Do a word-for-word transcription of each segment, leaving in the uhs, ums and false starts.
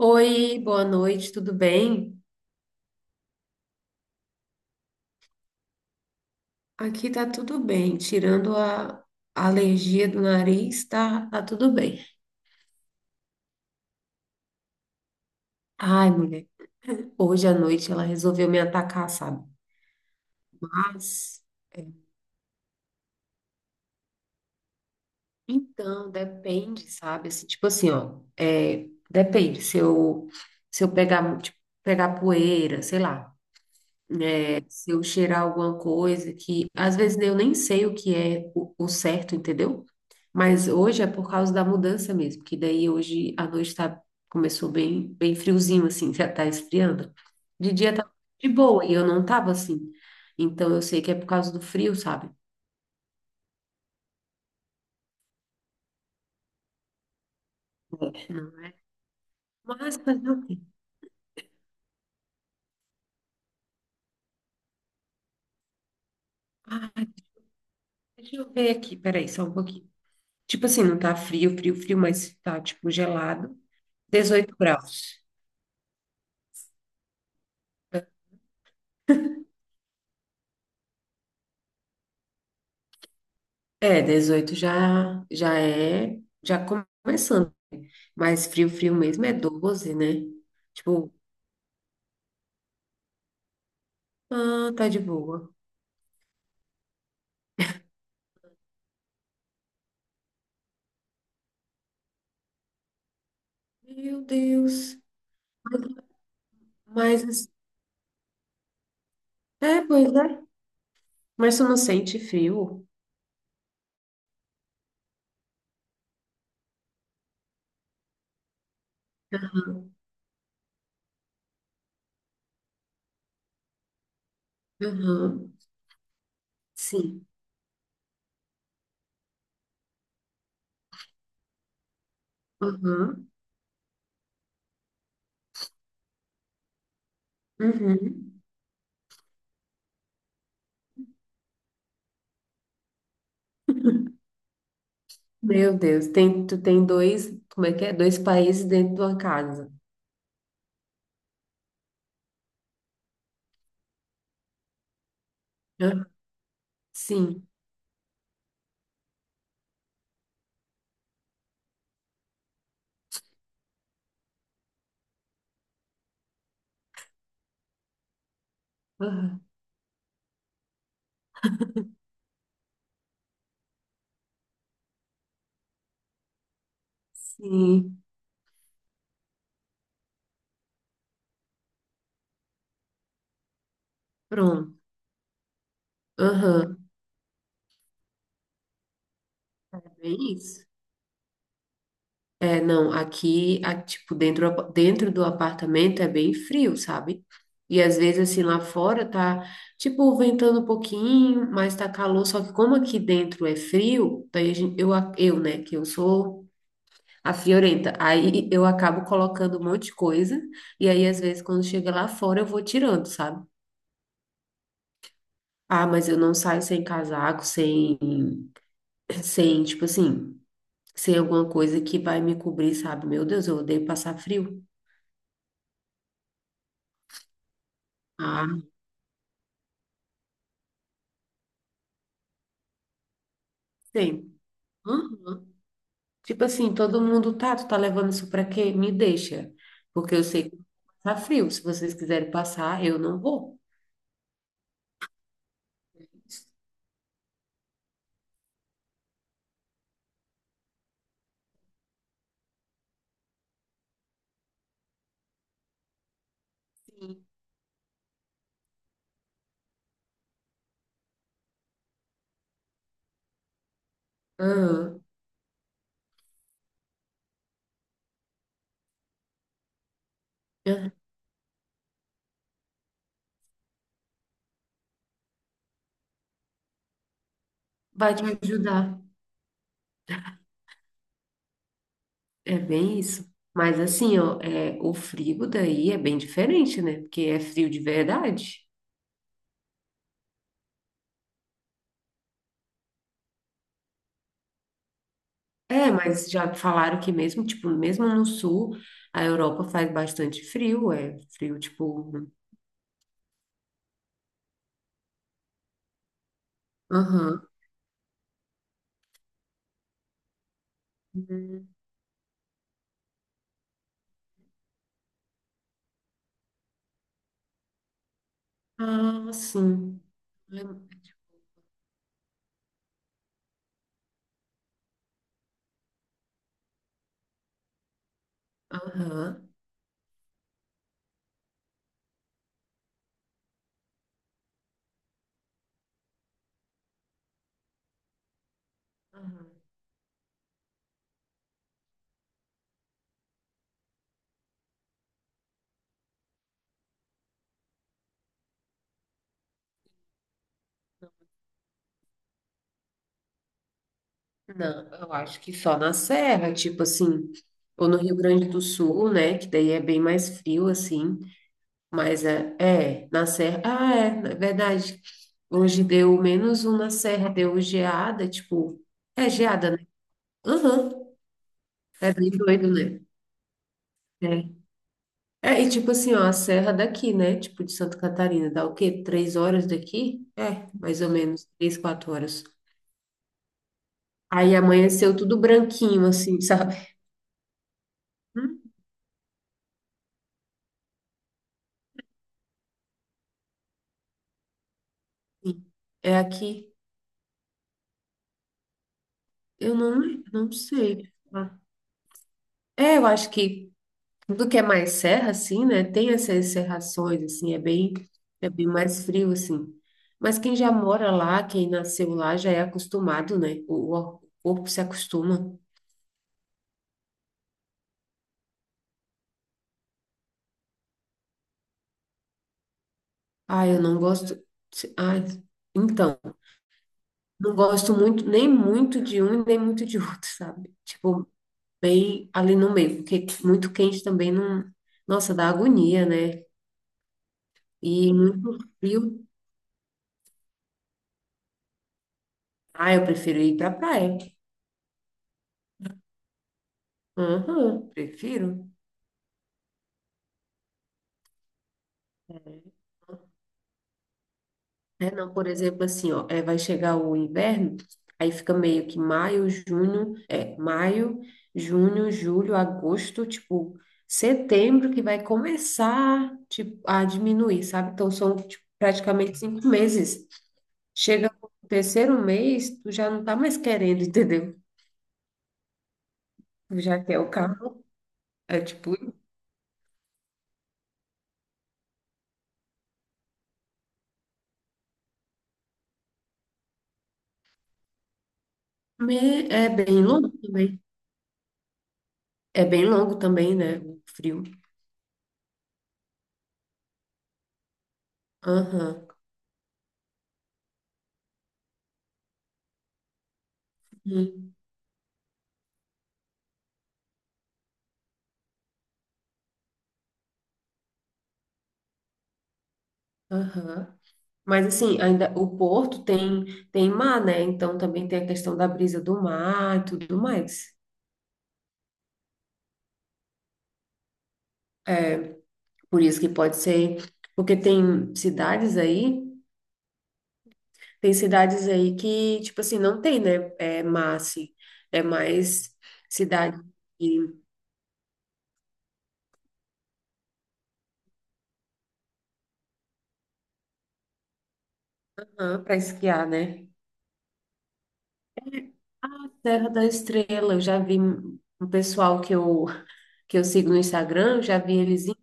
Oi, boa noite, tudo bem? Aqui tá tudo bem, tirando a, a alergia do nariz, tá, tá tudo bem. Ai, mulher, hoje à noite ela resolveu me atacar, sabe? Mas, é, então, depende, sabe? Assim, tipo assim, ó, é, depende, se eu, se eu pegar, tipo, pegar poeira, sei lá. É, se eu cheirar alguma coisa que às vezes eu nem sei o que é o, o certo, entendeu? Mas hoje é por causa da mudança mesmo, que daí hoje a noite tá, começou bem, bem friozinho, assim, já tá esfriando. De dia tá de boa e eu não tava assim. Então eu sei que é por causa do frio, sabe? Não. Mas fazer o quê? Ah, deixa eu ver aqui, peraí, só um pouquinho. Tipo assim, não tá frio, frio, frio, mas tá tipo gelado. Dezoito graus. É, dezoito já, já é, já começando. Mas frio, frio mesmo é doze, né? Tipo, ah, tá de boa. Meu Deus. Mas, assim- é, pois é. Mas tu não sente frio? Aham, sim. Aham, uhum. Meu Deus, tem, tu tem dois, como é que é? Dois países dentro de uma casa. Aham, sim. Aham, sim. Pronto. Aham. É bem isso. É, não, aqui, a- tipo, dentro, do apa- dentro do apartamento é bem frio, sabe? E às vezes, assim, lá fora tá, tipo, ventando um pouquinho, mas tá calor. Só que como aqui dentro é frio, daí a gente, eu, a- eu, né, que eu sou a friorenta, aí eu acabo colocando um monte de coisa. E aí, às vezes, quando chega lá fora, eu vou tirando, sabe? Ah, mas eu não saio sem casaco, sem, sem, tipo assim, sem alguma coisa que vai me cobrir, sabe? Meu Deus, eu odeio passar frio. Ah, sim. Hã? Tipo assim, todo mundo tá, tu tá levando isso pra quê? Me deixa, porque eu sei que tá frio. Se vocês quiserem passar, eu não vou. Sim. Aham. É, Vai te ajudar. É bem isso. Mas assim, ó, é, o frio daí é bem diferente, né? Porque é frio de verdade. É, mas já falaram que mesmo, tipo, mesmo no sul, a Europa faz bastante frio, é frio, tipo. Aham. Ah, sim. Aham. Aham. Não, eu acho que só na serra, tipo assim, ou no Rio Grande do Sul, né? Que daí é bem mais frio, assim. Mas é, é na serra. Ah, é, na verdade. Hoje deu menos um na serra, deu geada, tipo. É geada, né? Aham. É bem doido, né? É. É, e tipo assim, ó, a serra daqui, né? Tipo de Santa Catarina, dá o quê? Três horas daqui? É, mais ou menos, três, quatro horas. Aí amanheceu tudo branquinho, assim, sabe? Hum, sim. É aqui. Eu não, não sei. Ah. É, eu acho que tudo que é mais serra, assim, né? Tem essas serrações, assim, é bem, é bem mais frio, assim. Mas quem já mora lá, quem nasceu lá, já é acostumado, né? O, o corpo se acostuma. Ah, eu não gosto. Ah, então, não gosto muito, nem muito de um, e nem muito de outro, sabe? Tipo, bem ali no meio, porque muito quente também não. Nossa, dá agonia, né? E muito frio. Ah, eu prefiro ir para praia. Aham, prefiro. É, não, por exemplo, assim, ó, é, vai chegar o inverno, aí fica meio que maio, junho, é, maio, junho, julho, agosto, tipo, setembro que vai começar, tipo, a diminuir, sabe? Então são, tipo, praticamente cinco meses. Chega no terceiro mês, tu já não tá mais querendo, entendeu? Tu já quer o carro, é tipo, me- é bem longo também. É bem longo também, né? O frio. Aham. Hum, aham. Mas assim, ainda o Porto tem tem mar, né? Então também tem a questão da brisa do mar e tudo mais. Por isso que pode ser, porque tem cidades aí, tem cidades aí que, tipo assim, não tem, né? É mar, assim. É mais cidade para esquiar, né? Serra da Estrela, eu já vi um pessoal que eu que eu sigo no Instagram, eu já vi eles, indo.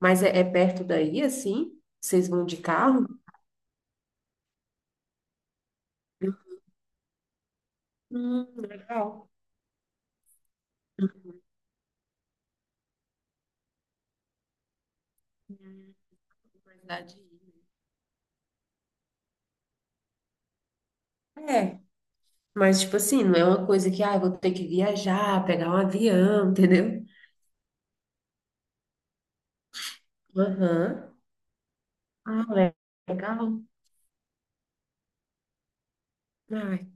Mas é, é perto daí, assim? Vocês vão de carro? Hum, legal. Verdade. É, mas tipo assim, não é uma coisa que, ah, eu vou ter que viajar, pegar um avião, entendeu? Aham. Ah, le- legal. Ai.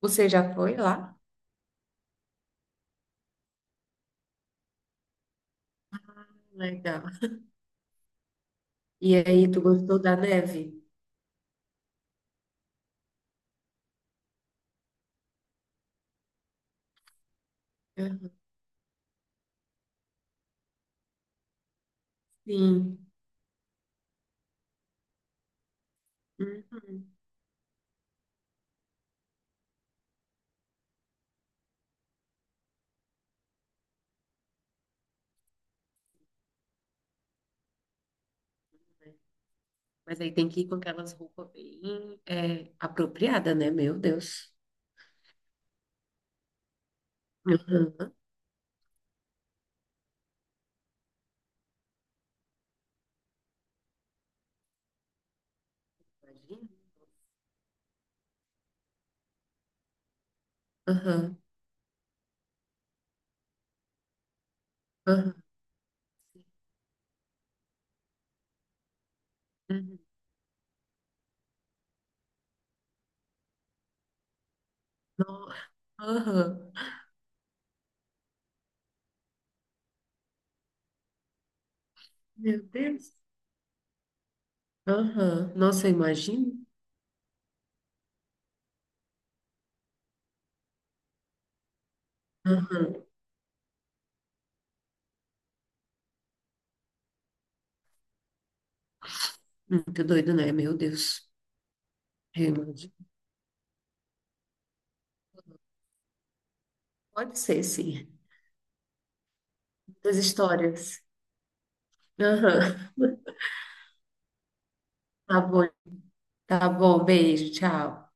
Você já foi lá? Legal. E aí, tu gostou da neve? Aham. Sim. Uhum. Mas aí tem que ir com aquelas roupas bem é, apropriadas, né? Meu Deus. Aham. Imagina. Aham. Aham. Uhum. No- Aham. Meu Deus. Aham. Nossa, eu imagino. Aham. Muito doido, né? Meu Deus. Eu imagino. Pode ser, sim. Das histórias. Aham. Tá bom. Tá bom. Beijo. Tchau.